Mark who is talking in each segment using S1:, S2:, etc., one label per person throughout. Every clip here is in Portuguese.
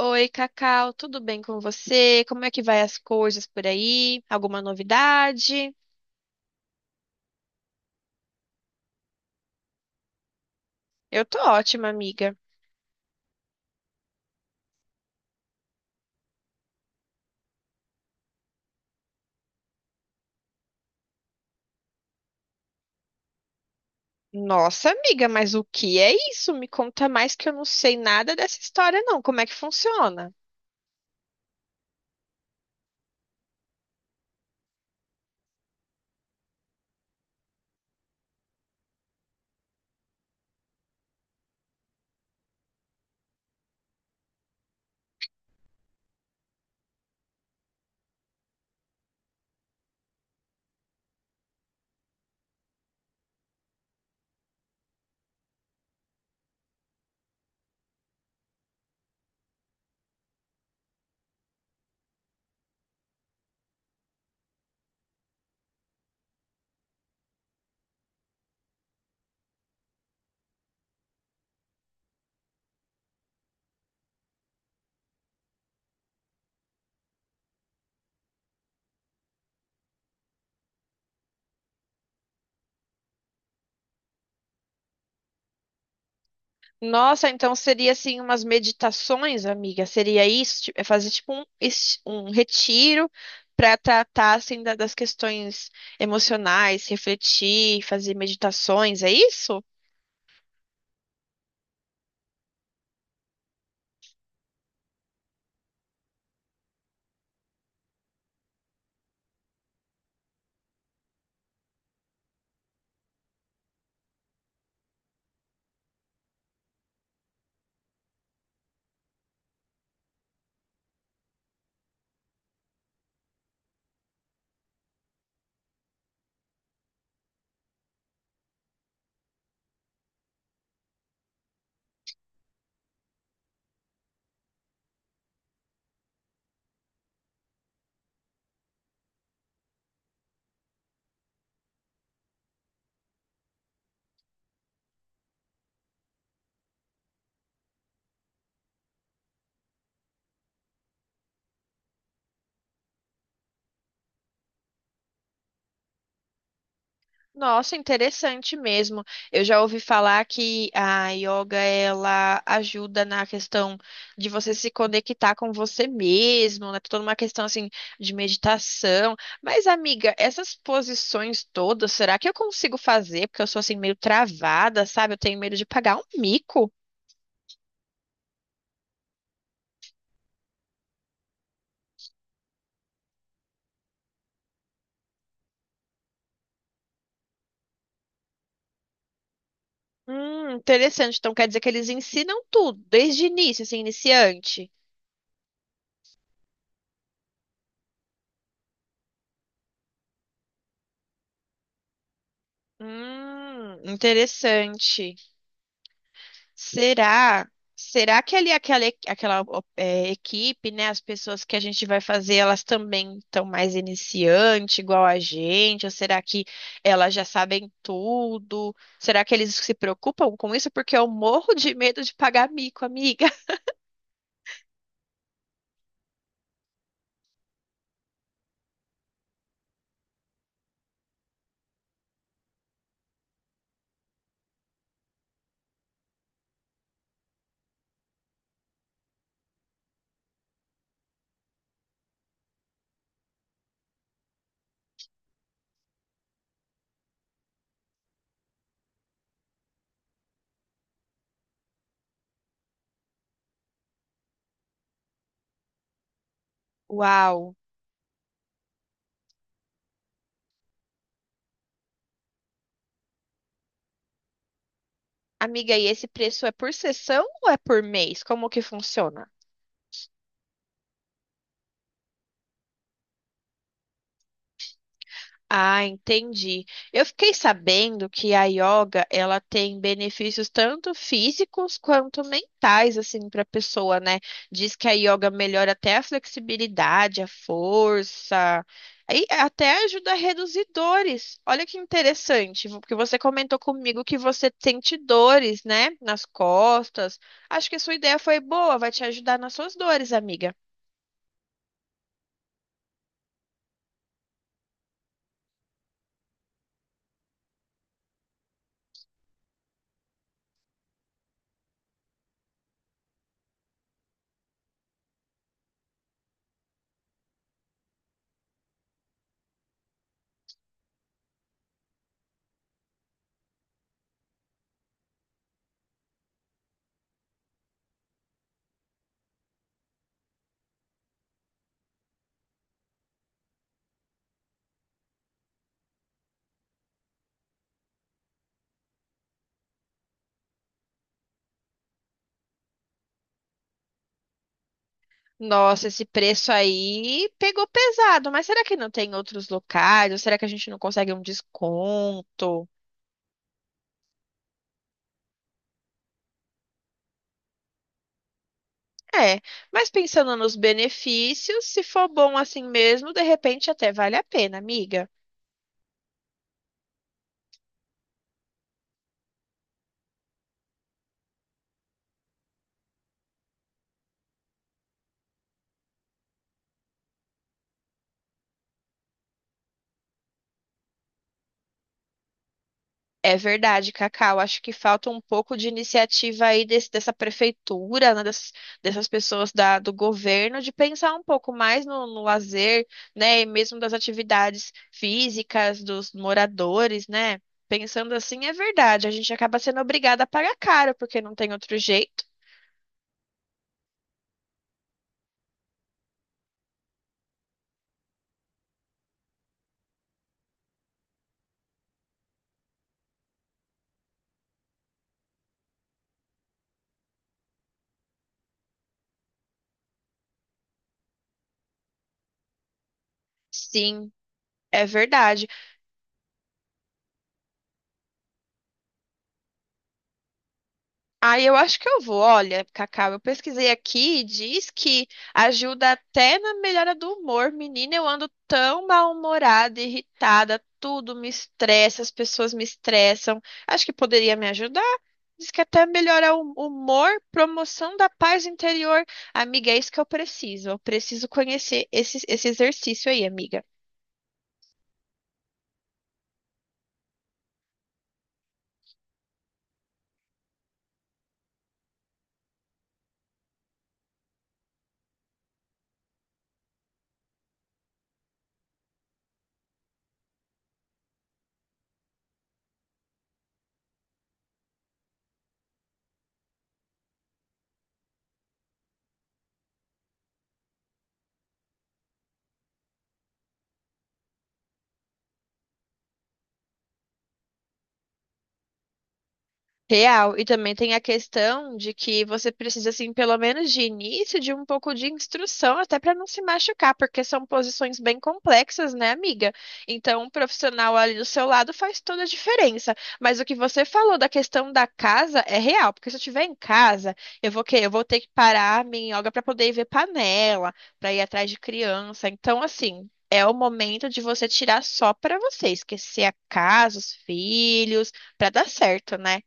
S1: Oi, Cacau, tudo bem com você? Como é que vai as coisas por aí? Alguma novidade? Eu tô ótima, amiga. Nossa, amiga, mas o que é isso? Me conta mais que eu não sei nada dessa história, não. Como é que funciona? Nossa, então seria assim umas meditações, amiga? Seria isso? Tipo, é fazer tipo um retiro para tratar assim das questões emocionais, refletir, fazer meditações, é isso? Nossa, interessante mesmo. Eu já ouvi falar que a yoga ela ajuda na questão de você se conectar com você mesmo, né? Toda uma questão assim de meditação. Mas, amiga, essas posições todas, será que eu consigo fazer? Porque eu sou assim meio travada, sabe? Eu tenho medo de pagar um mico. Interessante. Então quer dizer que eles ensinam tudo desde início, assim, iniciante. Interessante. Será? Será que ali aquela equipe, né? As pessoas que a gente vai fazer, elas também estão mais iniciante, igual a gente? Ou será que elas já sabem tudo? Será que eles se preocupam com isso? Porque eu morro de medo de pagar mico, amiga. Uau! Amiga, e esse preço é por sessão ou é por mês? Como que funciona? Ah, entendi. Eu fiquei sabendo que a yoga, ela tem benefícios tanto físicos quanto mentais, assim, para a pessoa, né? Diz que a yoga melhora até a flexibilidade, a força, e até ajuda a reduzir dores. Olha que interessante, porque você comentou comigo que você sente dores, né, nas costas. Acho que a sua ideia foi boa, vai te ajudar nas suas dores, amiga. Nossa, esse preço aí pegou pesado, mas será que não tem outros locais? Ou será que a gente não consegue um desconto? É, mas pensando nos benefícios, se for bom assim mesmo, de repente até vale a pena, amiga. É verdade, Cacau. Acho que falta um pouco de iniciativa aí dessa prefeitura, né, dessas, dessas pessoas do governo, de pensar um pouco mais no, no lazer, né, e mesmo das atividades físicas dos moradores, né? Pensando assim, é verdade. A gente acaba sendo obrigada a pagar caro, porque não tem outro jeito. Sim, é verdade. Aí eu acho que eu vou. Olha, Cacau, eu pesquisei aqui e diz que ajuda até na melhora do humor. Menina, eu ando tão mal-humorada, irritada, tudo me estressa, as pessoas me estressam. Acho que poderia me ajudar. Diz que até melhora o humor, promoção da paz interior. Amiga, é isso que eu preciso. Eu preciso conhecer esse, esse exercício aí, amiga. Real, e também tem a questão de que você precisa, assim, pelo menos de início, de um pouco de instrução, até para não se machucar, porque são posições bem complexas, né, amiga? Então, um profissional ali do seu lado faz toda a diferença. Mas o que você falou da questão da casa é real, porque se eu estiver em casa, eu vou quê? Eu vou ter que parar a minha yoga para poder ver panela, para ir atrás de criança. Então, assim, é o momento de você tirar só para você, esquecer a casa, os filhos, para dar certo, né?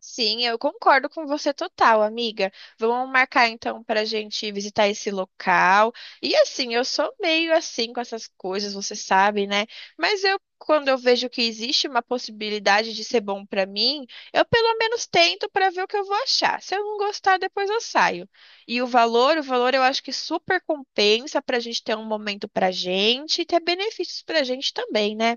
S1: Sim, eu concordo com você total, amiga. Vamos marcar então para a gente visitar esse local. E assim, eu sou meio assim com essas coisas, você sabe, né? Mas eu, quando eu vejo que existe uma possibilidade de ser bom para mim, eu pelo menos tento para ver o que eu vou achar. Se eu não gostar, depois eu saio. E o valor eu acho que super compensa para a gente ter um momento para gente e ter benefícios para a gente também, né?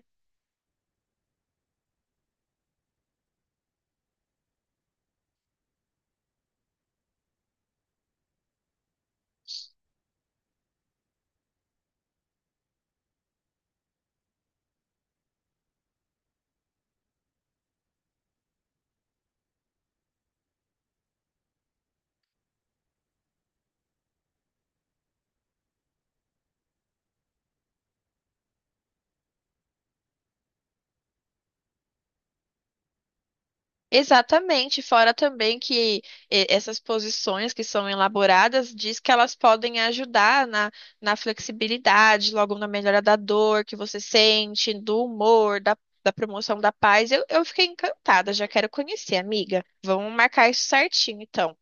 S1: Exatamente, fora também que essas posições que são elaboradas diz que elas podem ajudar na, na flexibilidade, logo na melhora da dor que você sente, do humor, da, da promoção da paz. Eu fiquei encantada, já quero conhecer, amiga. Vamos marcar isso certinho, então.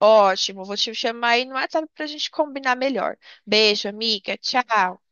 S1: Ótimo, vou te chamar aí no WhatsApp para a gente combinar melhor. Beijo, amiga. Tchau.